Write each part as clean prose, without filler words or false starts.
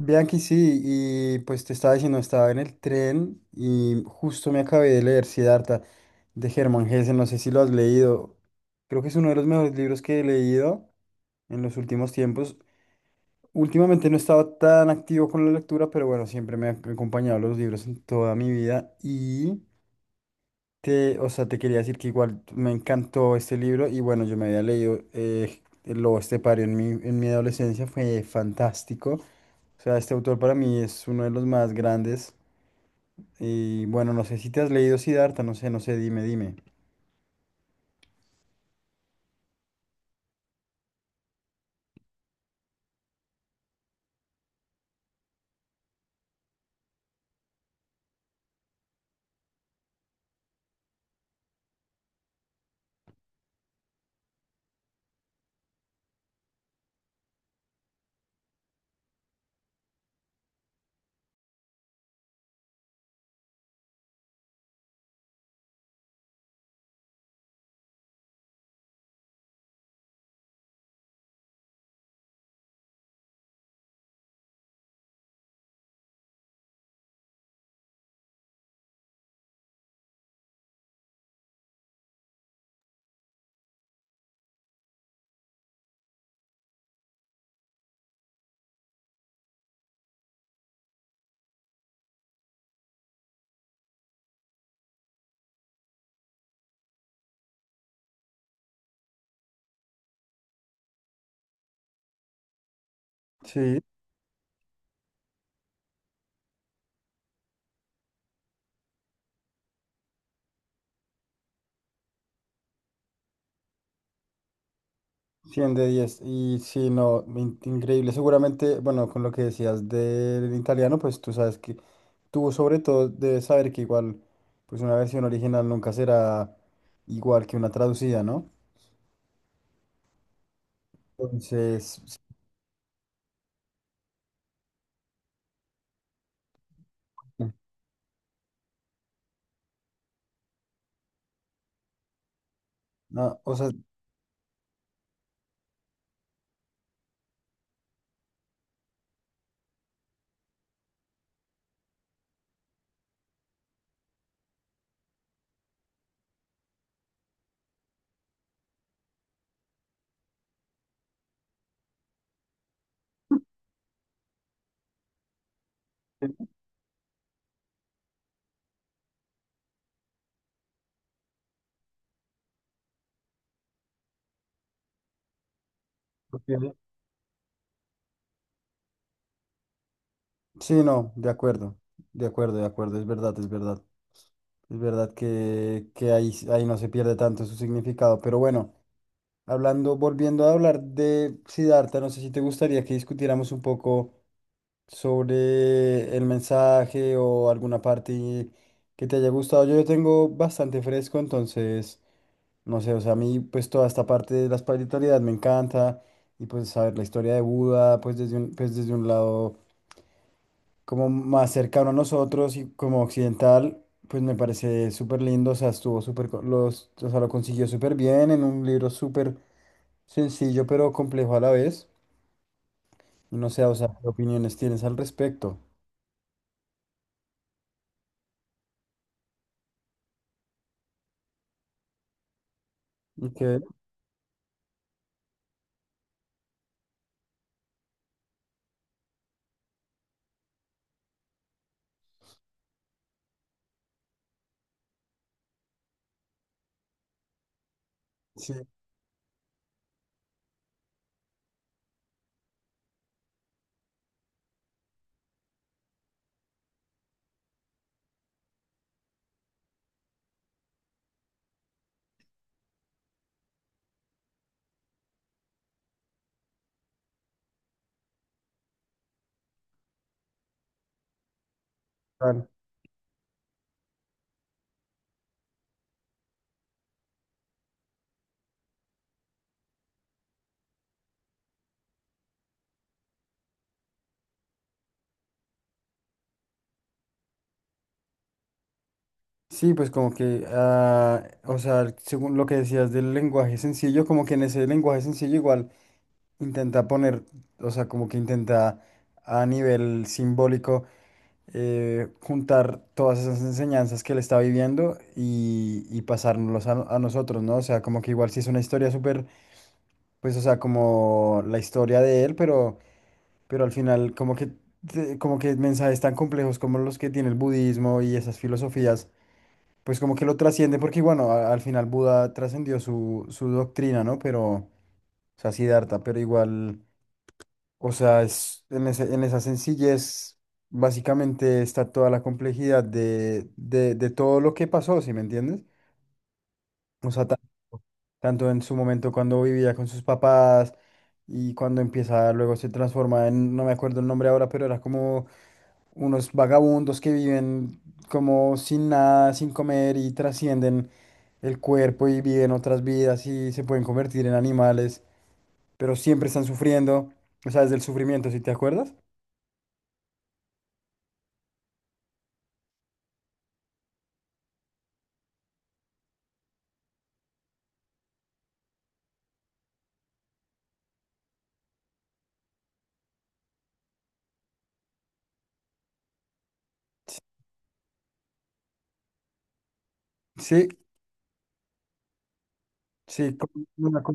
Bianchi, sí, y pues te estaba diciendo, estaba en el tren y justo me acabé de leer Siddhartha de Hermann Hesse, no sé si lo has leído, creo que es uno de los mejores libros que he leído en los últimos tiempos. Últimamente no he estado tan activo con la lectura, pero bueno, siempre me han acompañado los libros en toda mi vida y o sea, te quería decir que igual me encantó este libro y bueno, yo me había leído El lobo estepario en mi adolescencia, fue fantástico. O sea, este autor para mí es uno de los más grandes. Y bueno, no sé si te has leído Siddhartha, no sé, no sé, dime, dime. Sí, 100 de diez. Y sí, no, increíble. Seguramente, bueno, con lo que decías del italiano, pues tú sabes que tú sobre todo debes saber que igual, pues una versión original nunca será igual que una traducida, ¿no? Entonces, sí, no, o sea, sí, no, de acuerdo, de acuerdo, de acuerdo, es verdad, es verdad. Es verdad que ahí no se pierde tanto su significado. Pero bueno, volviendo a hablar de Siddhartha, no sé si te gustaría que discutiéramos un poco sobre el mensaje o alguna parte que te haya gustado. Yo lo tengo bastante fresco, entonces, no sé, o sea, a mí pues toda esta parte de la espiritualidad me encanta y pues saber la historia de Buda, pues desde un lado como más cercano a nosotros y como occidental, pues me parece súper lindo, o sea, estuvo súper, o sea, lo consiguió súper bien en un libro súper sencillo, pero complejo a la vez. Y no sé, o sea, ¿qué opiniones tienes al respecto? Ok, sí, claro. Sí, pues como que, ah, o sea, según lo que decías del lenguaje sencillo, como que en ese lenguaje sencillo igual intenta poner, o sea, como que intenta a nivel simbólico juntar todas esas enseñanzas que él está viviendo y pasárnoslas a nosotros, ¿no? O sea, como que igual sí es una historia súper, pues, o sea, como la historia de él, pero al final como que mensajes tan complejos como los que tiene el budismo y esas filosofías, pues como que lo trasciende, porque bueno, al final Buda trascendió su doctrina, ¿no? Pero, o sea, Siddhartha, pero igual... O sea, en esa sencillez básicamente está toda la complejidad de todo lo que pasó, ¿sí me entiendes? O sea, tanto en su momento cuando vivía con sus papás y cuando empieza, luego se transforma en, no me acuerdo el nombre ahora, pero era como unos vagabundos que viven como sin nada, sin comer y trascienden el cuerpo y viven otras vidas y se pueden convertir en animales, pero siempre están sufriendo, o sea, desde el sufrimiento, ¿sí te acuerdas? Sí, sí, una co-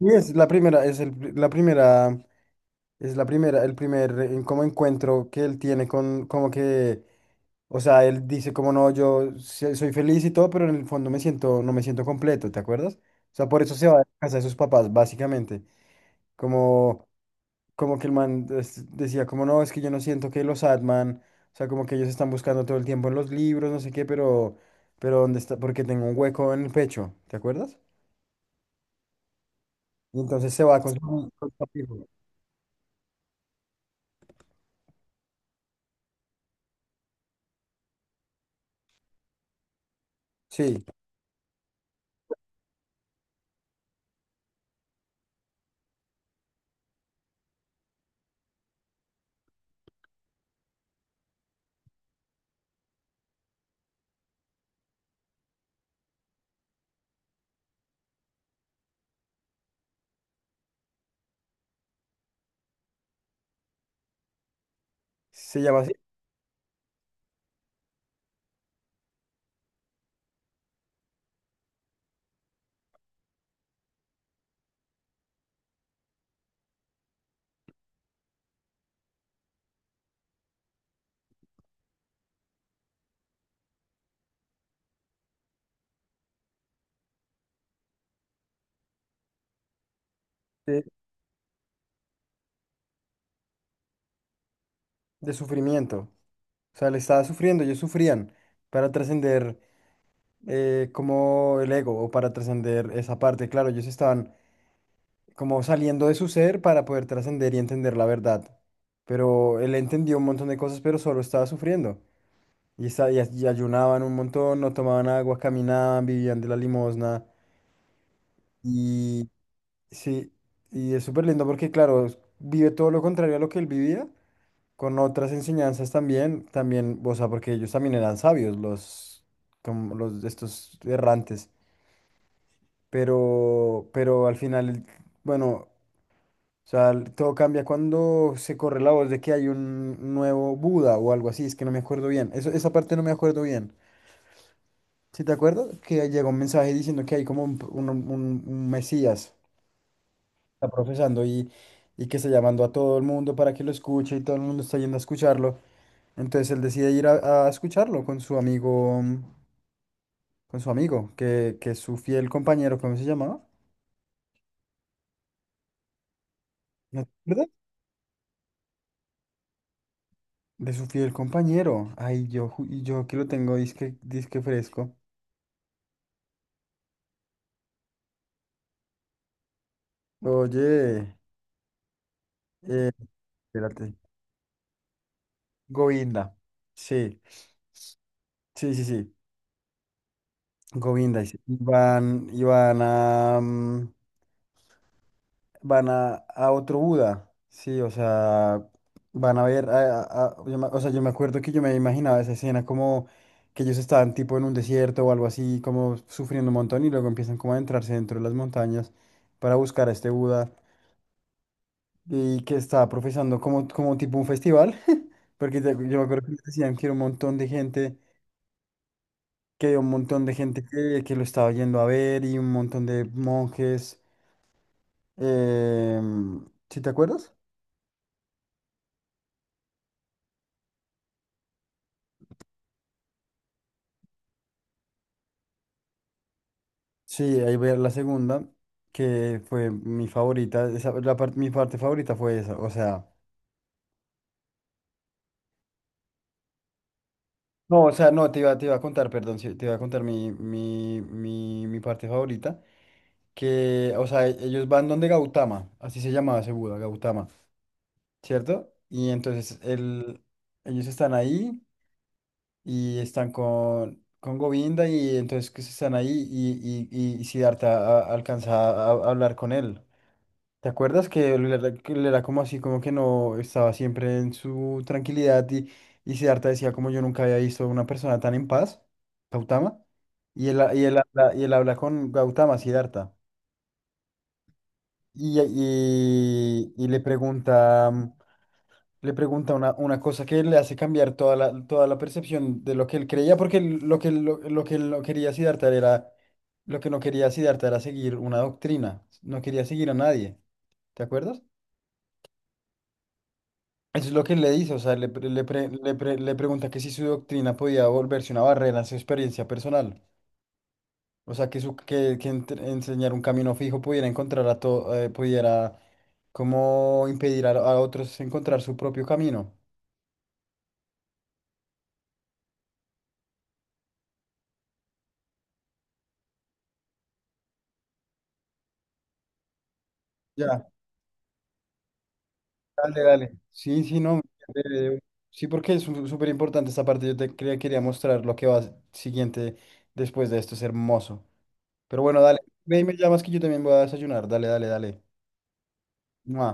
y es la primera, es el, pri- la primera, es la primera, el primer como encuentro que él tiene con, como que, o sea, él dice como no, yo soy feliz y todo, pero en el fondo me siento, no me siento completo, ¿te acuerdas? O sea, por eso se va a casa de sus papás, básicamente, como, como que el man decía como no, es que yo no siento que los Atman, o sea, como que ellos están buscando todo el tiempo en los libros, no sé qué, pero dónde está, porque tengo un hueco en el pecho, ¿te acuerdas? Y entonces se va con su... Sí, se llama así, de, de sufrimiento. O sea, le estaba sufriendo, ellos sufrían para trascender como el ego o para trascender esa parte. Claro, ellos estaban como saliendo de su ser para poder trascender y entender la verdad. Pero él entendió un montón de cosas, pero solo estaba sufriendo. Y ayunaban un montón, no tomaban agua, caminaban, vivían de la limosna. Y sí, y es súper lindo porque, claro, vive todo lo contrario a lo que él vivía con otras enseñanzas también, también, o sea, porque ellos también eran sabios, como los de estos errantes, pero al final, bueno, o sea, todo cambia cuando se corre la voz de que hay un nuevo Buda o algo así, es que no me acuerdo bien, eso, esa parte no me acuerdo bien. ¿Sí te acuerdas? Que llegó un mensaje diciendo que hay como un Mesías, está profesando y que está llamando a todo el mundo para que lo escuche y todo el mundo está yendo a escucharlo. Entonces él decide ir a escucharlo con su amigo, que es su fiel compañero, ¿cómo se llamaba? ¿No te acuerdas? De su fiel compañero. Ay, yo, ju- y yo que lo tengo disque, disque fresco. Oye, eh, espérate. Govinda. Sí, sí, sí, sí. Govinda. Y van a otro Buda, sí, o sea, van a ver, o sea, yo me acuerdo que yo me imaginaba esa escena como que ellos estaban tipo en un desierto o algo así, como sufriendo un montón y luego empiezan como a adentrarse dentro de las montañas para buscar a este Buda y que estaba profesando como, tipo un festival, porque yo me acuerdo que les decían que era un montón de gente, que había un montón de gente que lo estaba yendo a ver y un montón de monjes, ¿sí te acuerdas? Sí, ahí ver la segunda, que fue mi favorita. Esa, mi parte favorita fue esa. O sea, no, te iba a contar, perdón, sí, te iba a contar mi parte favorita. Que, o sea, ellos van donde Gautama, así se llamaba ese Buda, Gautama, ¿cierto? Y entonces ellos están ahí y están con Govinda y entonces que se están ahí y Siddhartha alcanza a hablar con él. ¿Te acuerdas que él era, como así, como que no estaba siempre en su tranquilidad y Siddhartha decía como yo nunca había visto una persona tan en paz, Gautama? Y él habla con Gautama, Siddhartha, y le pregunta, le pregunta una cosa que le hace cambiar toda la percepción de lo que él creía, porque lo que él no quería Siddhartha era, lo que no quería Siddhartha era seguir una doctrina, no quería seguir a nadie, ¿te acuerdas? Eso es lo que le dice, o sea, le pregunta que si su doctrina podía volverse una barrera a su experiencia personal, o sea, que, su, que entre- enseñar un camino fijo pudiera encontrar a todo, pudiera como impedir a otros encontrar su propio camino. Ya, dale, dale. Sí, sí, no. eh, sí, porque es súper importante esta parte, yo quería mostrar lo que va siguiente después de esto, es hermoso. Pero bueno, dale, me llamas que yo también voy a desayunar, dale, dale, dale. Mua.